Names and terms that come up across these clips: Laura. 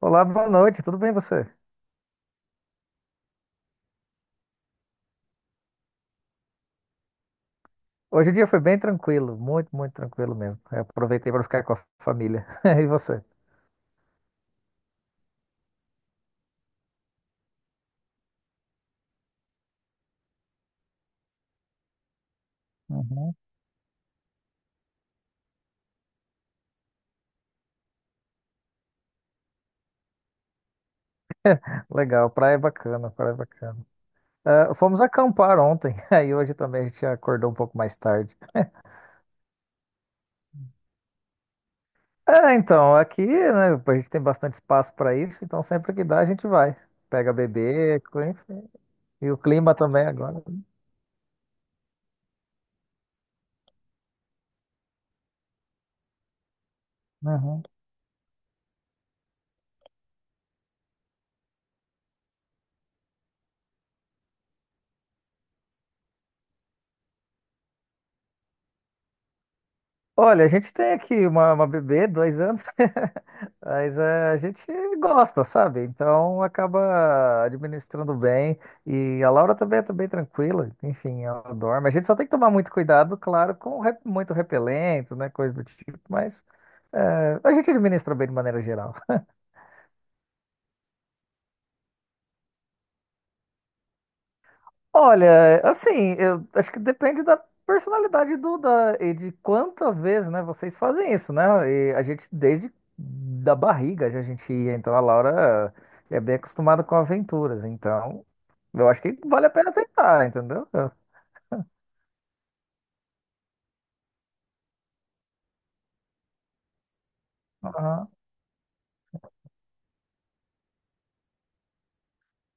Olá, boa noite, tudo bem você? Hoje o dia foi bem tranquilo, muito, muito tranquilo mesmo. Eu aproveitei para ficar com a família. E você? Uhum. Legal, praia é bacana, praia é bacana. Ah, fomos acampar ontem, aí hoje também a gente acordou um pouco mais tarde. É, então, aqui, né, a gente tem bastante espaço para isso, então sempre que dá a gente vai. Pega bebê, enfim. E o clima também agora. Uhum. Olha, a gente tem aqui uma bebê, 2 anos, mas a gente gosta, sabe? Então acaba administrando bem. E a Laura também tá bem tranquila, enfim, ela dorme. A gente só tem que tomar muito cuidado, claro, com muito repelente, né? Coisa do tipo, mas a gente administra bem de maneira geral. Olha, assim, eu acho que depende da personalidade do da e de quantas vezes, né, vocês fazem isso, né? E a gente desde da barriga já a gente ia, então a Laura é bem acostumada com aventuras, então eu acho que vale a pena tentar, entendeu? Aham.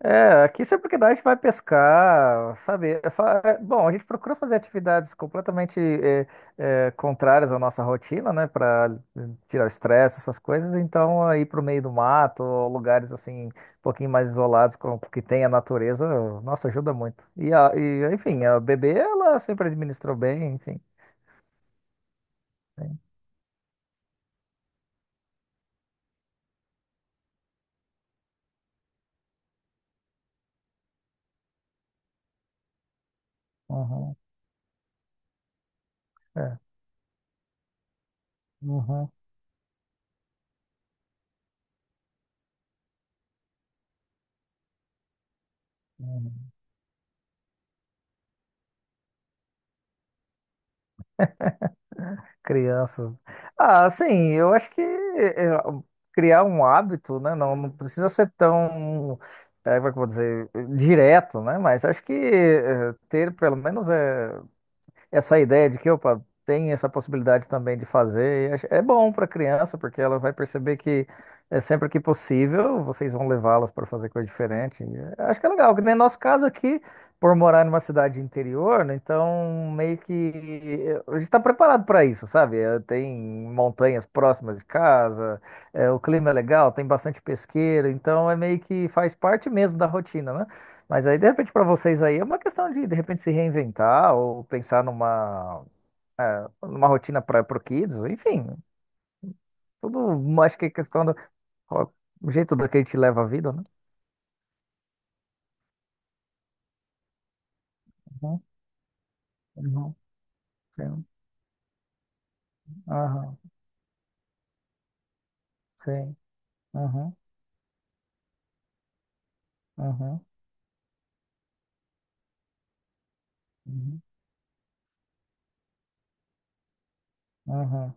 É, aqui sempre que dá a gente vai pescar, sabe? Bom, a gente procura fazer atividades completamente contrárias à nossa rotina, né? Para tirar o estresse, essas coisas. Então, aí para o meio do mato, ou lugares assim, um pouquinho mais isolados, que tem a natureza, nossa, ajuda muito. E, enfim, a bebê, ela sempre administrou bem, enfim. Sim. Uhum, é, uhum, uhum. Crianças. Ah, sim, eu acho que é, criar um hábito, né? Não, não precisa ser tão, é, como é que eu vou dizer, direto, né? Mas acho que é, ter pelo menos é essa ideia de que, opa, tem essa possibilidade também de fazer, e é bom para a criança, porque ela vai perceber que é sempre que possível, vocês vão levá-las para fazer coisa diferente. E, é, acho que é legal, que nem nosso caso aqui, por morar numa cidade interior, né, então meio que é, a gente está preparado para isso, sabe? É, tem montanhas próximas de casa, é, o clima é legal, tem bastante pesqueiro, então é meio que faz parte mesmo da rotina, né? Mas aí, de repente, para vocês aí é uma questão de repente, se reinventar ou pensar numa rotina para o Kids, enfim, tudo acho que é questão do ó, o jeito do que a gente leva a vida, né? Uhum, uhum, sim, aham, sim, uhum, uhum, uhum, uhum,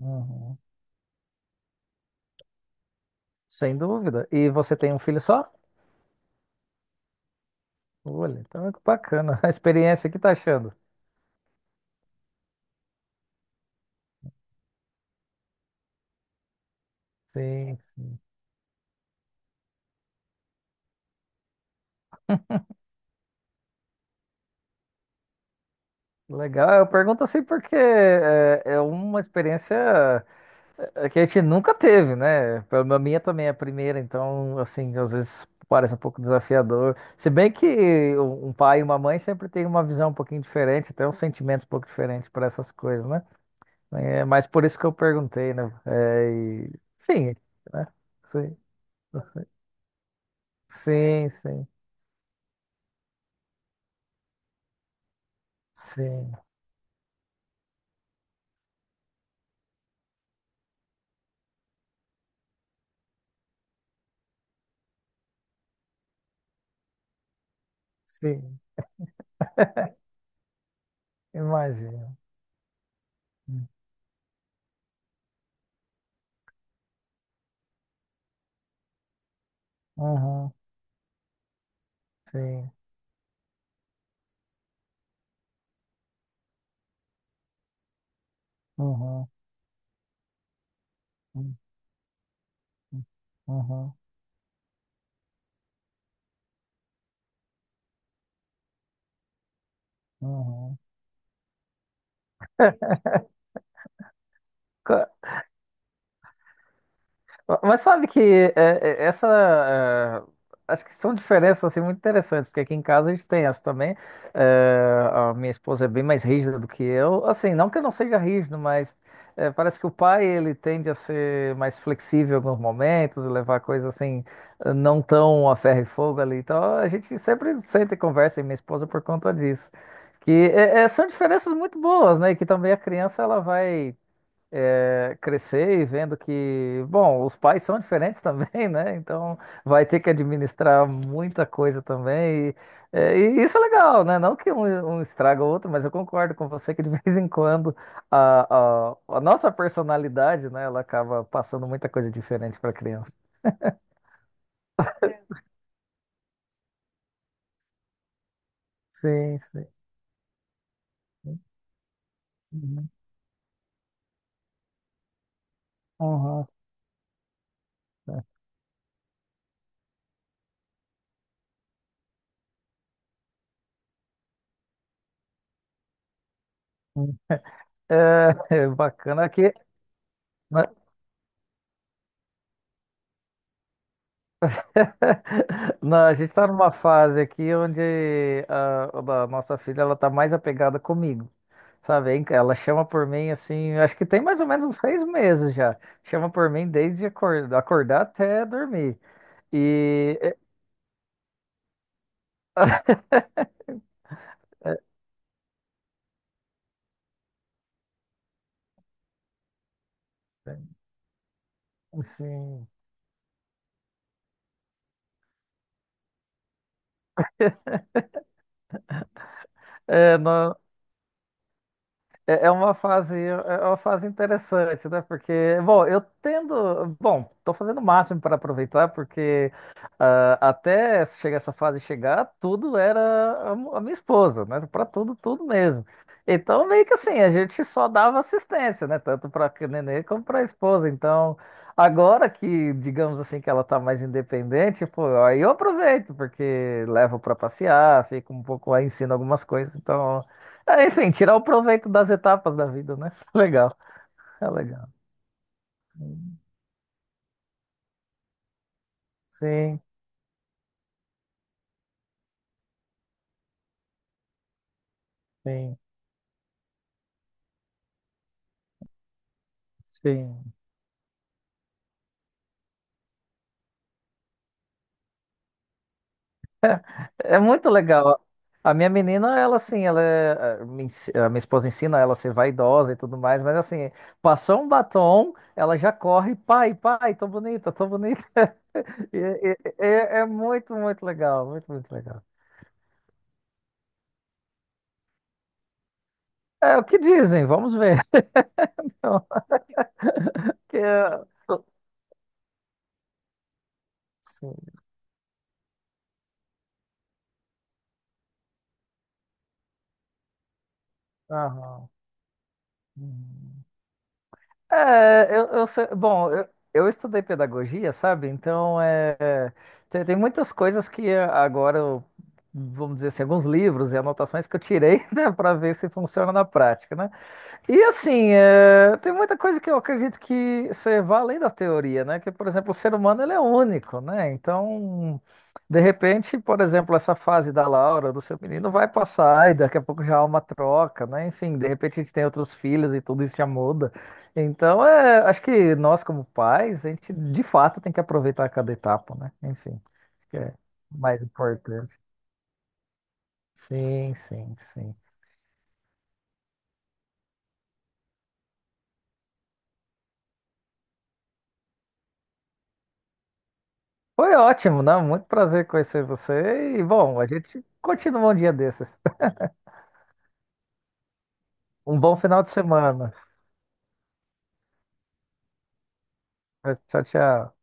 uhum. Sem dúvida. E você tem um filho só? Olha, então é bacana a experiência, o que tá achando? Sim, sim. Legal. Eu pergunto assim porque é uma experiência. É que a gente nunca teve, né? A minha também é a primeira, então, assim, às vezes parece um pouco desafiador. Se bem que um pai e uma mãe sempre têm uma visão um pouquinho diferente, até uns sentimentos um pouco diferentes para essas coisas, né? É, mas por isso que eu perguntei, né? É, e... Enfim, né? Sim, sim, sim, sim, sim. Imagino. Uhum, sim, uhum, uhum, uhum. Uhum. Mas sabe que é, essa. Acho que são diferenças assim, muito interessantes, porque aqui em casa a gente tem essa também. É, a minha esposa é bem mais rígida do que eu. Assim, não que eu não seja rígido, mas é, parece que o pai ele tende a ser mais flexível em alguns momentos, levar coisas assim, não tão a ferro e fogo ali. Então a gente sempre senta e conversa, e minha esposa por conta disso. Que são diferenças muito boas, né? E que também a criança ela vai é, crescer e vendo que, bom, os pais são diferentes também, né? Então vai ter que administrar muita coisa também. E isso é legal, né? Não que um estraga o outro, mas eu concordo com você que de vez em quando a nossa personalidade, né, ela acaba passando muita coisa diferente para a criança. Sim, sim. Uhum. Uhum. É bacana aqui. Né? Não, a gente está numa fase aqui onde a nossa filha ela tá mais apegada comigo, sabe? Hein? Ela chama por mim assim, acho que tem mais ou menos uns 6 meses já. Chama por mim desde acordar até dormir. E sim. É, nó- é uma fase, é uma fase interessante, né? Porque, bom, eu tendo, bom, tô fazendo o máximo para aproveitar, porque ah, até chegar essa fase chegar, tudo era a minha esposa, né? Para tudo, tudo mesmo. Então, meio que assim, a gente só dava assistência, né? Tanto para a nenê como para a esposa. Então, agora que, digamos assim, que ela tá mais independente, pô, aí eu aproveito, porque levo para passear, fico um pouco aí, ensino algumas coisas, então. É, enfim, tirar o proveito das etapas da vida, né? Legal, é legal. Sim, sim, sim. É muito legal. A minha menina, ela assim, ela é, a minha esposa ensina ela a ser vaidosa e tudo mais, mas assim, passou um batom, ela já corre, pai, pai, tô bonita, tô bonita. E É, é- é muito, muito legal, muito, muito legal. É o que dizem, vamos ver. Então, que, sim, aham. Uhum. É, bom, eu estudei pedagogia, sabe? Então, é, tem muitas coisas que é, agora, vamos dizer assim, alguns livros e anotações que eu tirei, né, para ver se funciona na prática, né? E assim, é, tem muita coisa que eu acredito que você vá além da teoria, né? Que, por exemplo, o ser humano ele é único, né? Então, de repente, por exemplo, essa fase da Laura, do seu menino, vai passar e daqui a pouco já há uma troca, né? Enfim, de repente a gente tem outros filhos e tudo isso já muda. Então, é, acho que nós, como pais, a gente de fato tem que aproveitar cada etapa, né? Enfim, acho que é mais importante. Sim, sim, sim. Foi ótimo, né? Muito prazer conhecer você. E, bom, a gente continua um dia desses. Um bom final de semana. Tchau, tchau.